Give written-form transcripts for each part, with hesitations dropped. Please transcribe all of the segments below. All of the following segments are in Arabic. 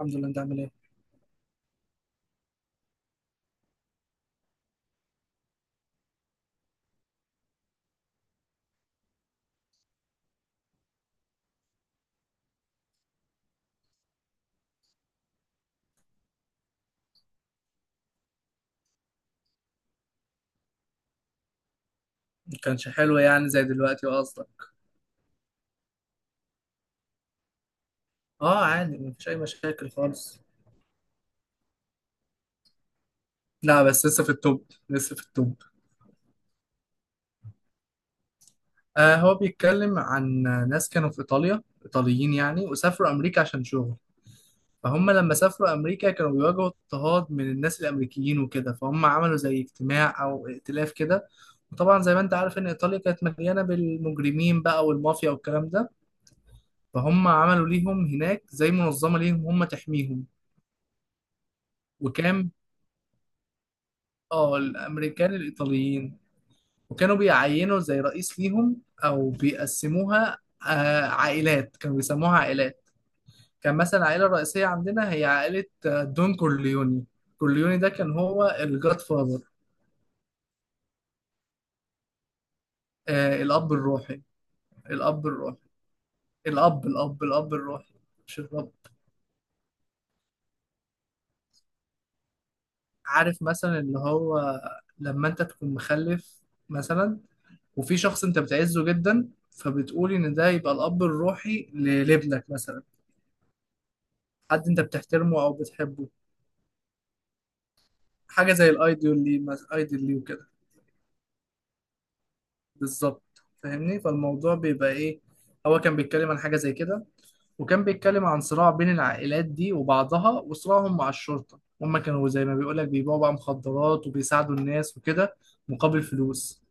الحمد لله، انت عامل ايه؟ ما كانش حلو يعني زي دلوقتي قصدك؟ اه، عادي مفيش اي مشاكل خالص. لا بس لسه في التوب لسه في التوب. آه، هو بيتكلم عن ناس كانوا في ايطاليا، ايطاليين يعني، وسافروا امريكا عشان شغل. فهم لما سافروا امريكا كانوا بيواجهوا اضطهاد من الناس الامريكيين وكده، فهم عملوا زي اجتماع او ائتلاف كده. وطبعا زي ما انت عارف ان ايطاليا كانت مليانه بالمجرمين بقى والمافيا والكلام ده، فهم عملوا ليهم هناك زي منظمه ليهم هم تحميهم. وكان، اه، الامريكان الايطاليين. وكانوا بيعينوا زي رئيس ليهم او بيقسموها عائلات، كانوا بيسموها عائلات. كان مثلا العائله الرئيسيه عندنا هي عائله دون كورليوني. كورليوني ده كان هو الجاد فاذر. الاب الروحي. الاب الروحي. الاب الروحي، مش الرب. عارف مثلا اللي هو، لما انت تكون مخلف مثلا، وفي شخص انت بتعزه جدا، فبتقول ان ده يبقى الاب الروحي لابنك مثلا. حد انت بتحترمه او بتحبه. حاجه زي الايدول ليه، ايدول ليه وكده. بالظبط، فاهمني؟ فالموضوع بيبقى ايه، هو كان بيتكلم عن حاجه زي كده. وكان بيتكلم عن صراع بين العائلات دي وبعضها، وصراعهم مع الشرطه. هما كانوا زي ما بيقولك بيبيعوا بقى مخدرات وبيساعدوا الناس وكده، مقابل فلوس.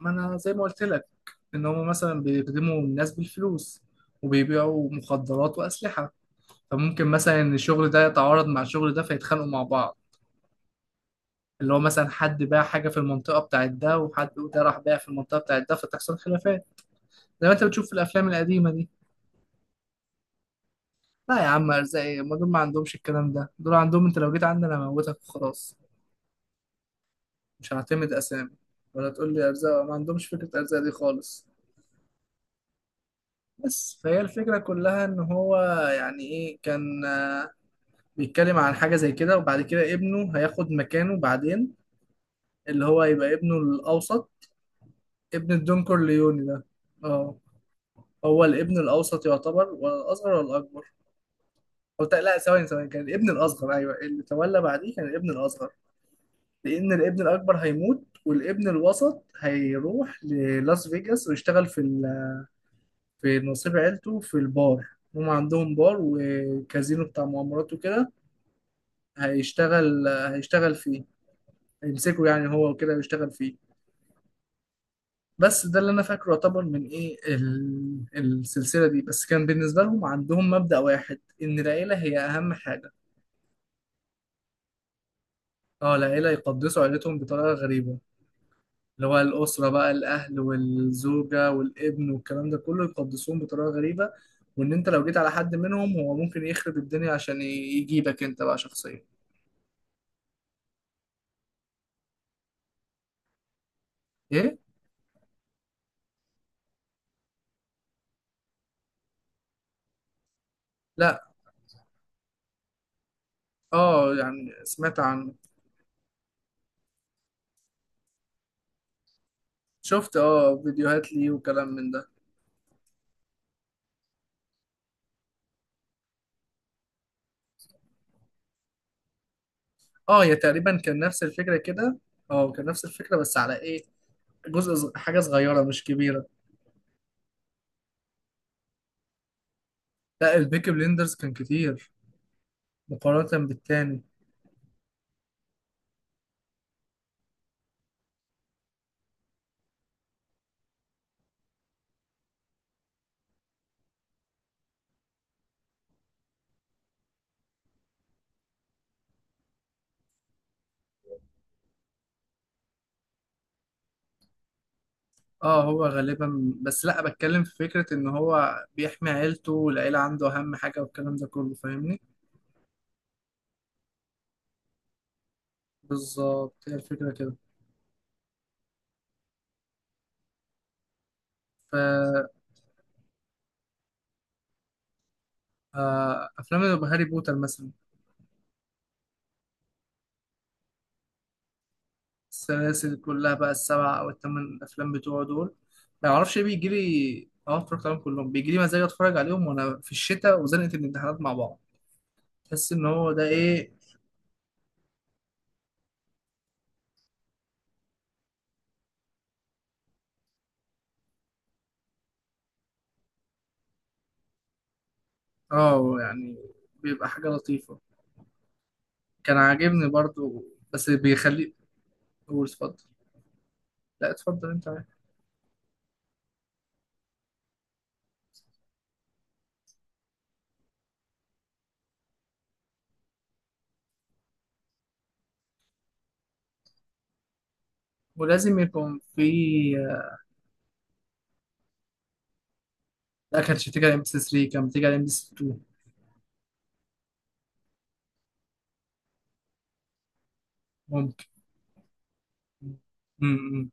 ما انا زي ما قلت لك ان هما مثلا بيخدموا الناس بالفلوس، وبيبيعوا مخدرات واسلحه، فممكن مثلا ان الشغل ده يتعارض مع الشغل ده فيتخانقوا مع بعض. اللي هو مثلا حد باع حاجة في المنطقة بتاعت ده، وحد ده راح باع في المنطقة بتاعت ده، فتحصل خلافات. زي ما انت بتشوف في الأفلام القديمة دي. لا يا عم، أرزاقي ما دول ما عندهمش الكلام ده، دول عندهم انت لو جيت عندنا أنا هموتك وخلاص. مش هعتمد أسامي ولا تقول لي أرزاق، ما عندهمش فكرة أرزاق دي خالص. بس فهي الفكرة كلها إن هو يعني إيه، كان بيتكلم عن حاجة زي كده، وبعد كده ابنه هياخد مكانه بعدين، اللي هو يبقى ابنه الأوسط. ابن الدون كورليوني ده. اه. هو الابن الأوسط يعتبر ولا الأصغر ولا الأكبر؟ أو لا، ثواني ثواني، كان الابن الأصغر. أيوه، اللي تولى بعديه كان الابن الأصغر. لأن الابن الأكبر هيموت، والابن الوسط هيروح للاس فيجاس ويشتغل في في نصيب عيلته في البار. هم عندهم بار وكازينو بتاع مؤامرات وكده. هيشتغل فيه، هيمسكه يعني هو وكده ويشتغل فيه. بس ده اللي أنا فاكره يعتبر من إيه السلسلة دي. بس كان بالنسبة لهم عندهم مبدأ واحد إن العيلة هي أهم حاجة. اه، العيلة يقدسوا عيلتهم بطريقة غريبة. اللي هو الأسرة بقى، الأهل والزوجة والابن والكلام ده كله، يقدسوهم بطريقة غريبة. وإن أنت لو جيت على حد منهم هو ممكن يخرب الدنيا عشان يجيبك أنت بقى شخصيا. إيه؟ لأ. اه يعني سمعت عنه. شفت اه فيديوهات ليه وكلام من ده. اه، هي تقريبا كان نفس الفكرة كده. اه، كان نفس الفكرة بس على إيه؟ جزء حاجة صغيرة مش كبيرة. لأ البيكي بليندرز كان كتير مقارنة بالتاني. اه هو غالبا، بس لا بتكلم في فكرة ان هو بيحمي عيلته والعيلة عنده اهم حاجة والكلام ده كله، فاهمني؟ بالظبط، هي الفكرة كده. ف، افلام اللي هاري بوتر مثلا. السلاسل كلها بقى، السبع او الثمان افلام بتوعه دول. ما اعرفش ايه بيجي لي، اه اتفرجت عليهم كلهم. بيجي لي مزاج اتفرج عليهم وانا في الشتاء وزنقة الامتحانات مع بعض. تحس ان هو ده ايه، اه يعني بيبقى حاجة لطيفة. كان عاجبني برضو، بس بيخلي. قول، اتفضل. لا اتفضل انت. ولازم يكون في. لا، كانتش بتيجي على ام بي سي 3، كانت بتيجي على ام بي سي 2. ممكن. امم.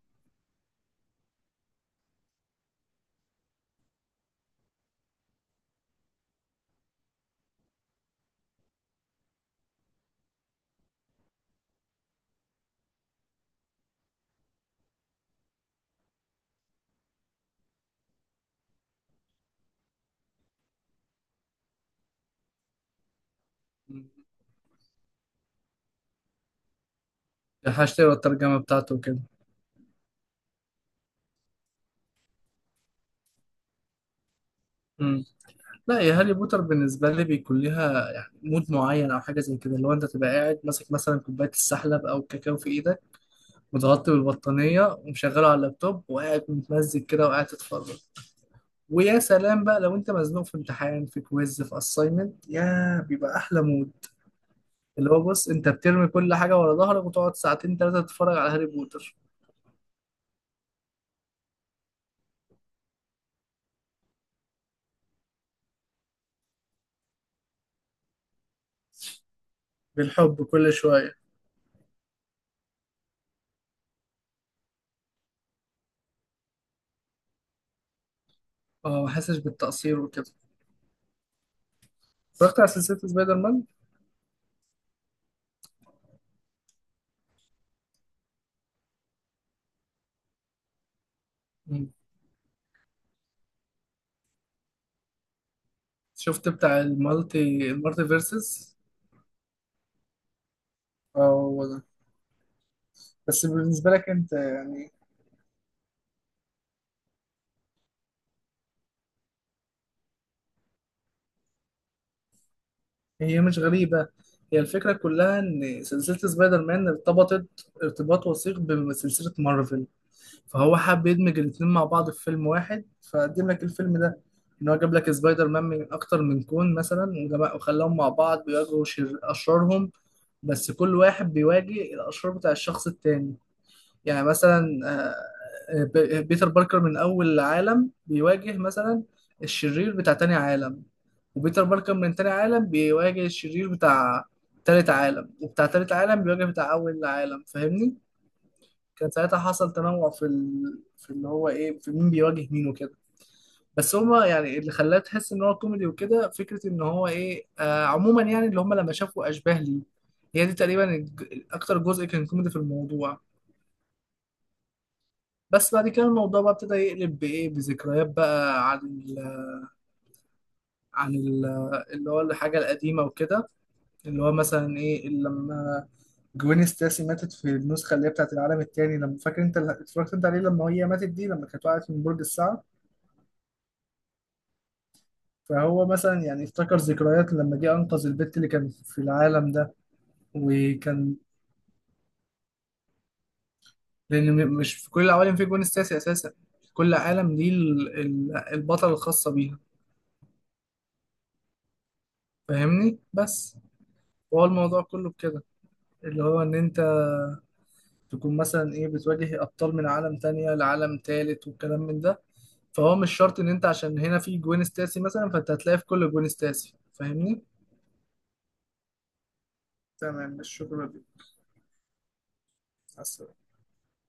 هشتري الترجمة بتاعته وكده. مم. لا، يا هاري بوتر بالنسبة لي بيكون ليها يعني مود معين أو حاجة زي كده، اللي هو أنت تبقى قاعد ماسك مثلا كوباية السحلب أو الكاكاو في إيدك، متغطي بالبطانية ومشغله على اللابتوب وقاعد متمزج كده وقاعد تتفرج. ويا سلام بقى لو أنت مزنوق في امتحان في كويز في أسايمنت، يا بيبقى أحلى مود. اللي هو بص، انت بترمي كل حاجة ورا ظهرك وتقعد ساعتين تلاتة تتفرج على هاري بوتر. بالحب كل شوية. اه، ما حسش بالتقصير وكده. اتفرجت على سلسلة سبايدر مان. مم. شفت بتاع المالتي، المالتي فيرسز؟ اه هو ده. بس بالنسبة لك انت يعني، هي مش غريبة. هي الفكرة كلها ان سلسلة سبايدر مان ارتبطت ارتباط وثيق بسلسلة مارفل، فهو حب يدمج الاتنين مع بعض في فيلم واحد، فقدم لك الفيلم ده. ان هو جاب لك سبايدر مان من اكتر من كون مثلا، وخلاهم مع بعض بيواجهوا شر اشرارهم. بس كل واحد بيواجه الاشرار بتاع الشخص التاني. يعني مثلا، بيتر باركر من اول عالم بيواجه مثلا الشرير بتاع تاني عالم، وبيتر باركر من تاني عالم بيواجه الشرير بتاع تالت عالم، وبتاع تالت عالم بيواجه بتاع اول عالم، فاهمني؟ كان ساعتها حصل تنوع في في اللي هو ايه، في مين بيواجه مين وكده. بس هما يعني اللي خلاه تحس ان هو كوميدي وكده فكره ان هو ايه، عموما يعني اللي هما لما شافوا اشباه ليه، هي دي تقريبا اكتر جزء كان كوميدي في الموضوع. بس بعد كده الموضوع بقى ابتدى يقلب بايه، بذكريات بقى عن عن ال... اللي هو الحاجه القديمه وكده. اللي هو مثلا ايه، لما جوين ستاسي ماتت في النسخه اللي هي بتاعت العالم التاني، لما فاكر انت اللي اتفرجت انت عليه، لما هي ماتت دي لما كانت وقعت من برج الساعه. فهو مثلا يعني افتكر ذكريات لما جه انقذ البت اللي كان في العالم ده. وكان، لان مش في كل العوالم في جون سياسي اساسا. كل عالم ليه البطل الخاصه بيها، فاهمني؟ بس هو الموضوع كله بكده، اللي هو ان انت تكون مثلا ايه بتواجه ابطال من عالم تانية لعالم تالت والكلام من ده. فهو مش شرط ان انت عشان هنا في جوين ستاسي مثلا، فانت هتلاقي في كل جوين ستاسي، فاهمني؟ تمام، الشكر لك.